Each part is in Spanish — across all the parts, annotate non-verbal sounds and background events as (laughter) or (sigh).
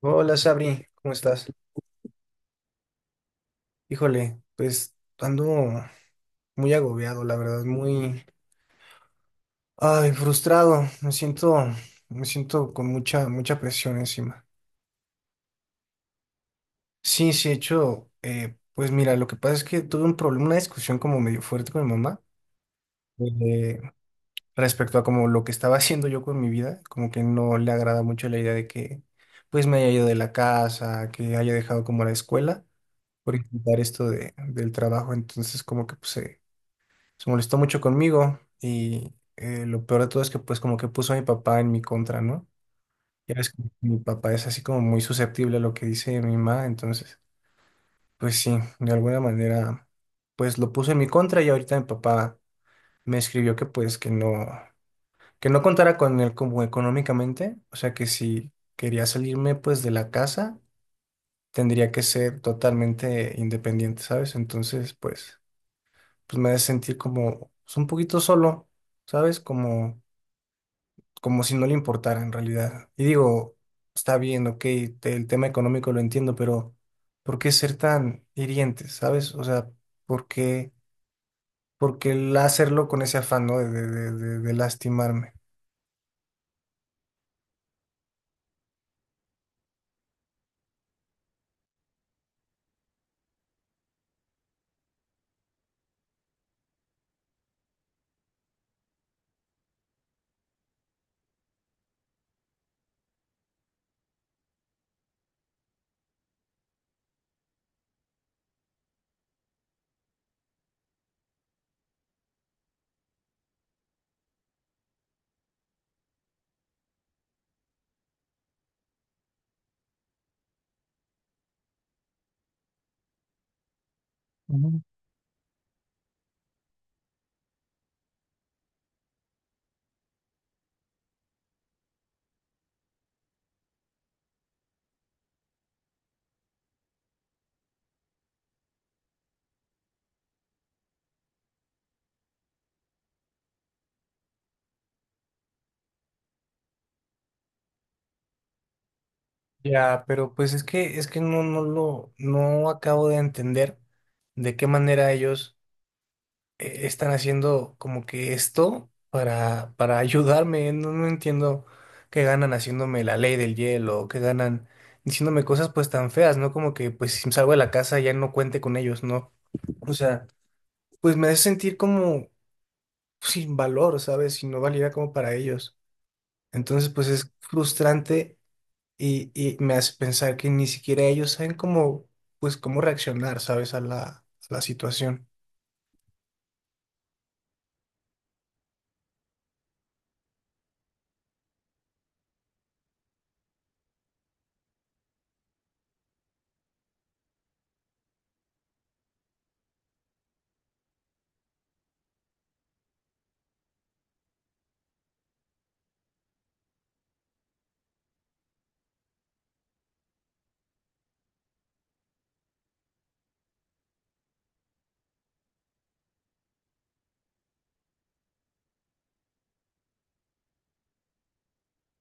Hola, Sabri, ¿cómo estás? Híjole, pues ando muy agobiado, la verdad, muy frustrado. Me siento con mucha presión encima. Sí, sí, de hecho, pues mira, lo que pasa es que tuve un problema, una discusión como medio fuerte con mi mamá, eh, respecto a como lo que estaba (laughs) haciendo yo con mi vida, como que no le agrada mucho la idea de que pues me haya ido de la casa, que haya dejado como la escuela por intentar esto del trabajo. Entonces como que pues... se molestó mucho conmigo y lo peor de todo es que pues como que puso a mi papá en mi contra, ¿no? Ya ves que mi papá es así como muy susceptible a lo que dice mi mamá, entonces pues sí, de alguna manera pues lo puso en mi contra, y ahorita mi papá me escribió que pues que no contara con él como económicamente, o sea, que si quería salirme pues de la casa tendría que ser totalmente independiente, ¿sabes? Entonces pues, pues me hace sentir como pues, un poquito solo, ¿sabes? Como como si no le importara en realidad. Y digo, está bien, ok, el tema económico lo entiendo, pero ¿por qué ser tan hirientes, sabes? O sea, ¿por qué, por qué el hacerlo con ese afán, ¿no? De lastimarme. Ujú. Ya, pero pues es que no acabo de entender de qué manera ellos están haciendo como que esto para ayudarme. No entiendo qué ganan haciéndome la ley del hielo, qué ganan diciéndome cosas pues tan feas, ¿no? Como que pues si salgo de la casa ya no cuente con ellos, ¿no? O sea, pues me hace sentir como sin valor, ¿sabes? Sin no valía como para ellos. Entonces pues es frustrante y me hace pensar que ni siquiera ellos saben cómo, pues cómo reaccionar, ¿sabes? A la situación.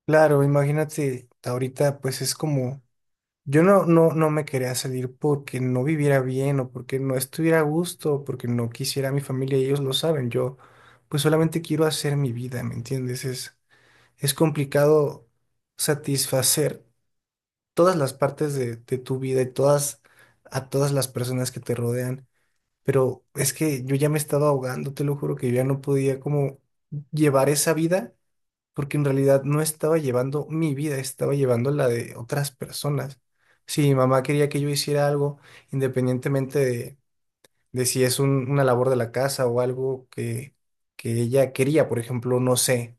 Claro, imagínate, ahorita pues es como yo no me quería salir porque no viviera bien o porque no estuviera a gusto o porque no quisiera a mi familia, y ellos lo saben. Yo pues solamente quiero hacer mi vida, ¿me entiendes? Es complicado satisfacer todas las partes de tu vida, y todas a todas las personas que te rodean. Pero es que yo ya me estaba ahogando, te lo juro que yo ya no podía como llevar esa vida, porque en realidad no estaba llevando mi vida, estaba llevando la de otras personas. Si mi mamá quería que yo hiciera algo, independientemente de si es una labor de la casa o algo que ella quería, por ejemplo, no sé,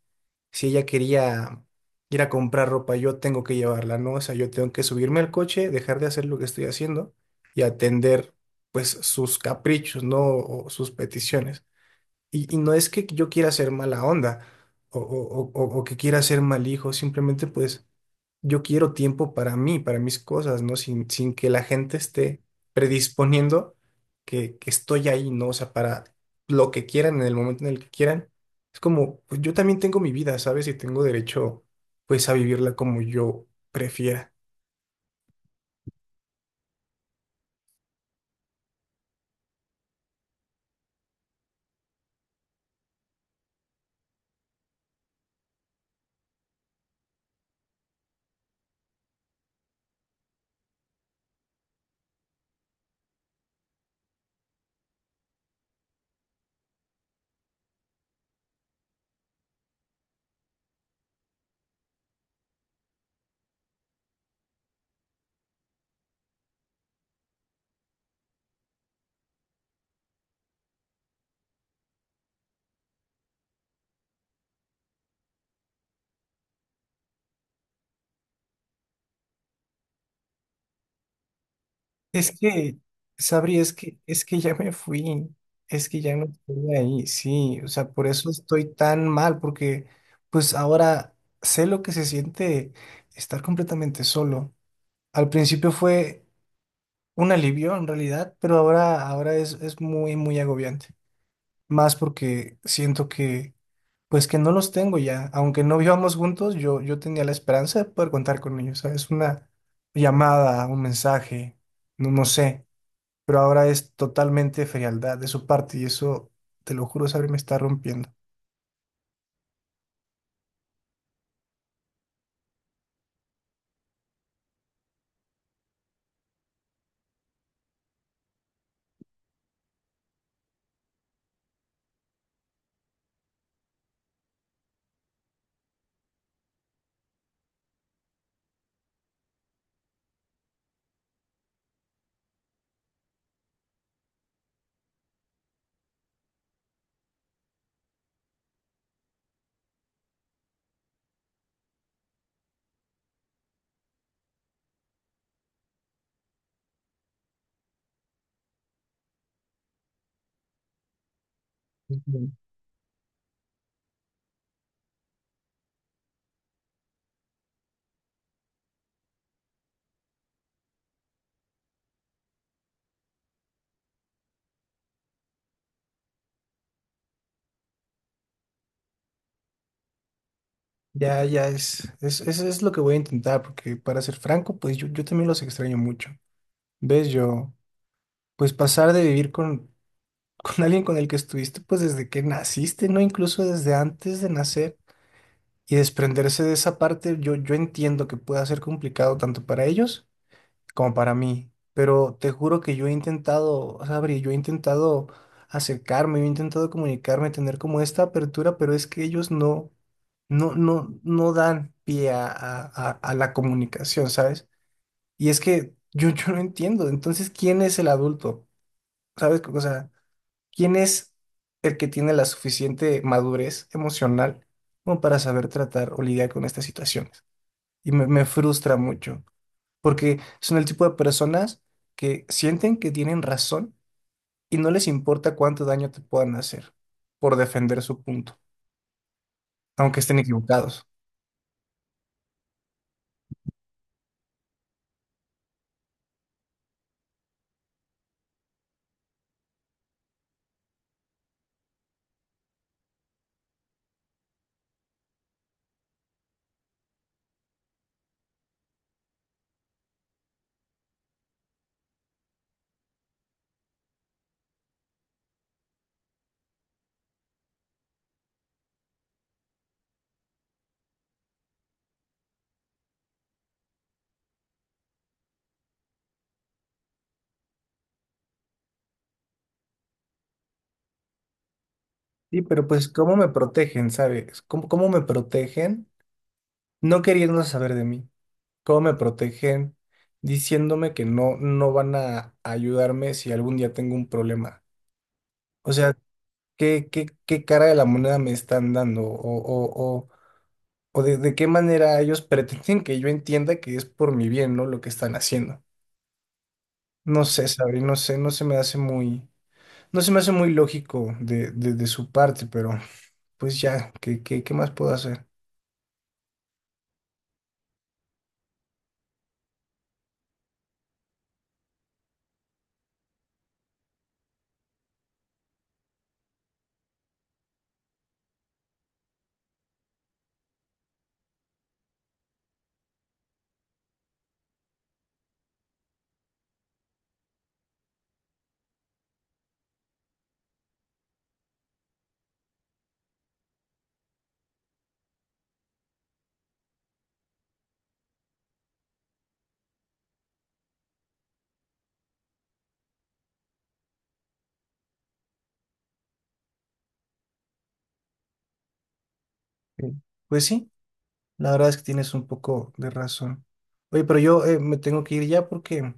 si ella quería ir a comprar ropa, yo tengo que llevarla, ¿no? O sea, yo tengo que subirme al coche, dejar de hacer lo que estoy haciendo y atender, pues, sus caprichos, ¿no? O sus peticiones. Y no es que yo quiera ser mala onda o que quiera ser mal hijo, simplemente pues yo quiero tiempo para mí, para mis cosas, ¿no? Sin que la gente esté predisponiendo que estoy ahí, ¿no? O sea, para lo que quieran, en el momento en el que quieran. Es como, pues yo también tengo mi vida, ¿sabes? Y tengo derecho pues a vivirla como yo prefiera. Es que, Sabri, es que ya me fui, es que ya no estoy ahí, sí, o sea, por eso estoy tan mal, porque pues ahora sé lo que se siente estar completamente solo. Al principio fue un alivio en realidad, pero ahora, ahora es muy agobiante. Más porque siento que, pues que no los tengo ya. Aunque no vivamos juntos, yo tenía la esperanza de poder contar con ellos, ¿sabes? Una llamada, un mensaje, no sé, pero ahora es totalmente frialdad de su parte, y eso, te lo juro, Sabri, me está rompiendo. Ujú. Ya, ya es, es es lo que voy a intentar, porque para ser franco, pues yo también los extraño mucho. ¿Ves? Yo, pues pasar de vivir con, (laughs) con alguien con el que estuviste, pues desde que naciste, ¿no? Incluso desde antes de nacer, y desprenderse de esa parte, yo entiendo que pueda ser complicado tanto para ellos como para mí. Pero te juro que yo he intentado, Sabri, yo he intentado acercarme, yo he intentado comunicarme, tener como esta apertura, pero es que ellos no dan pie a la comunicación, ¿sabes? Y es que yo, (laughs) yo no entiendo. Entonces, ¿quién es el adulto? ¿Sabes? O sea, ¿quién es el que tiene la suficiente madurez emocional como para saber tratar o lidiar con estas situaciones? Y me frustra mucho porque son el tipo de personas que sienten que tienen razón y no les importa cuánto daño te puedan hacer por defender su punto, aunque estén equivocados. Sí, pero pues ¿cómo me protegen, sabes? ¿Cómo, cómo me protegen no queriendo saber de mí? ¿Cómo me protegen diciéndome que no, no van a ayudarme si algún día tengo un problema? O sea, ¿qué, qué, qué cara de la moneda me están dando? O de qué manera ellos pretenden que yo entienda que es por mi bien, ¿no? Lo que están haciendo. No sé, Sabri, no sé, no se me hace muy, no se me hace muy lógico de su parte, pero pues ya, ¿qué, qué, qué más puedo hacer? Eh, Pues sí, la verdad es que tienes un poco de razón. Oye, pero yo me tengo que ir ya porque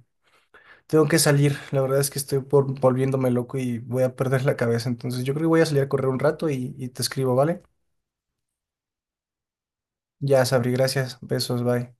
tengo que salir. La verdad es que estoy por, volviéndome loco y voy a perder la cabeza. Entonces yo creo que voy a salir a correr un rato y te escribo, ¿vale? Ya, Sabri, gracias. Besos, bye.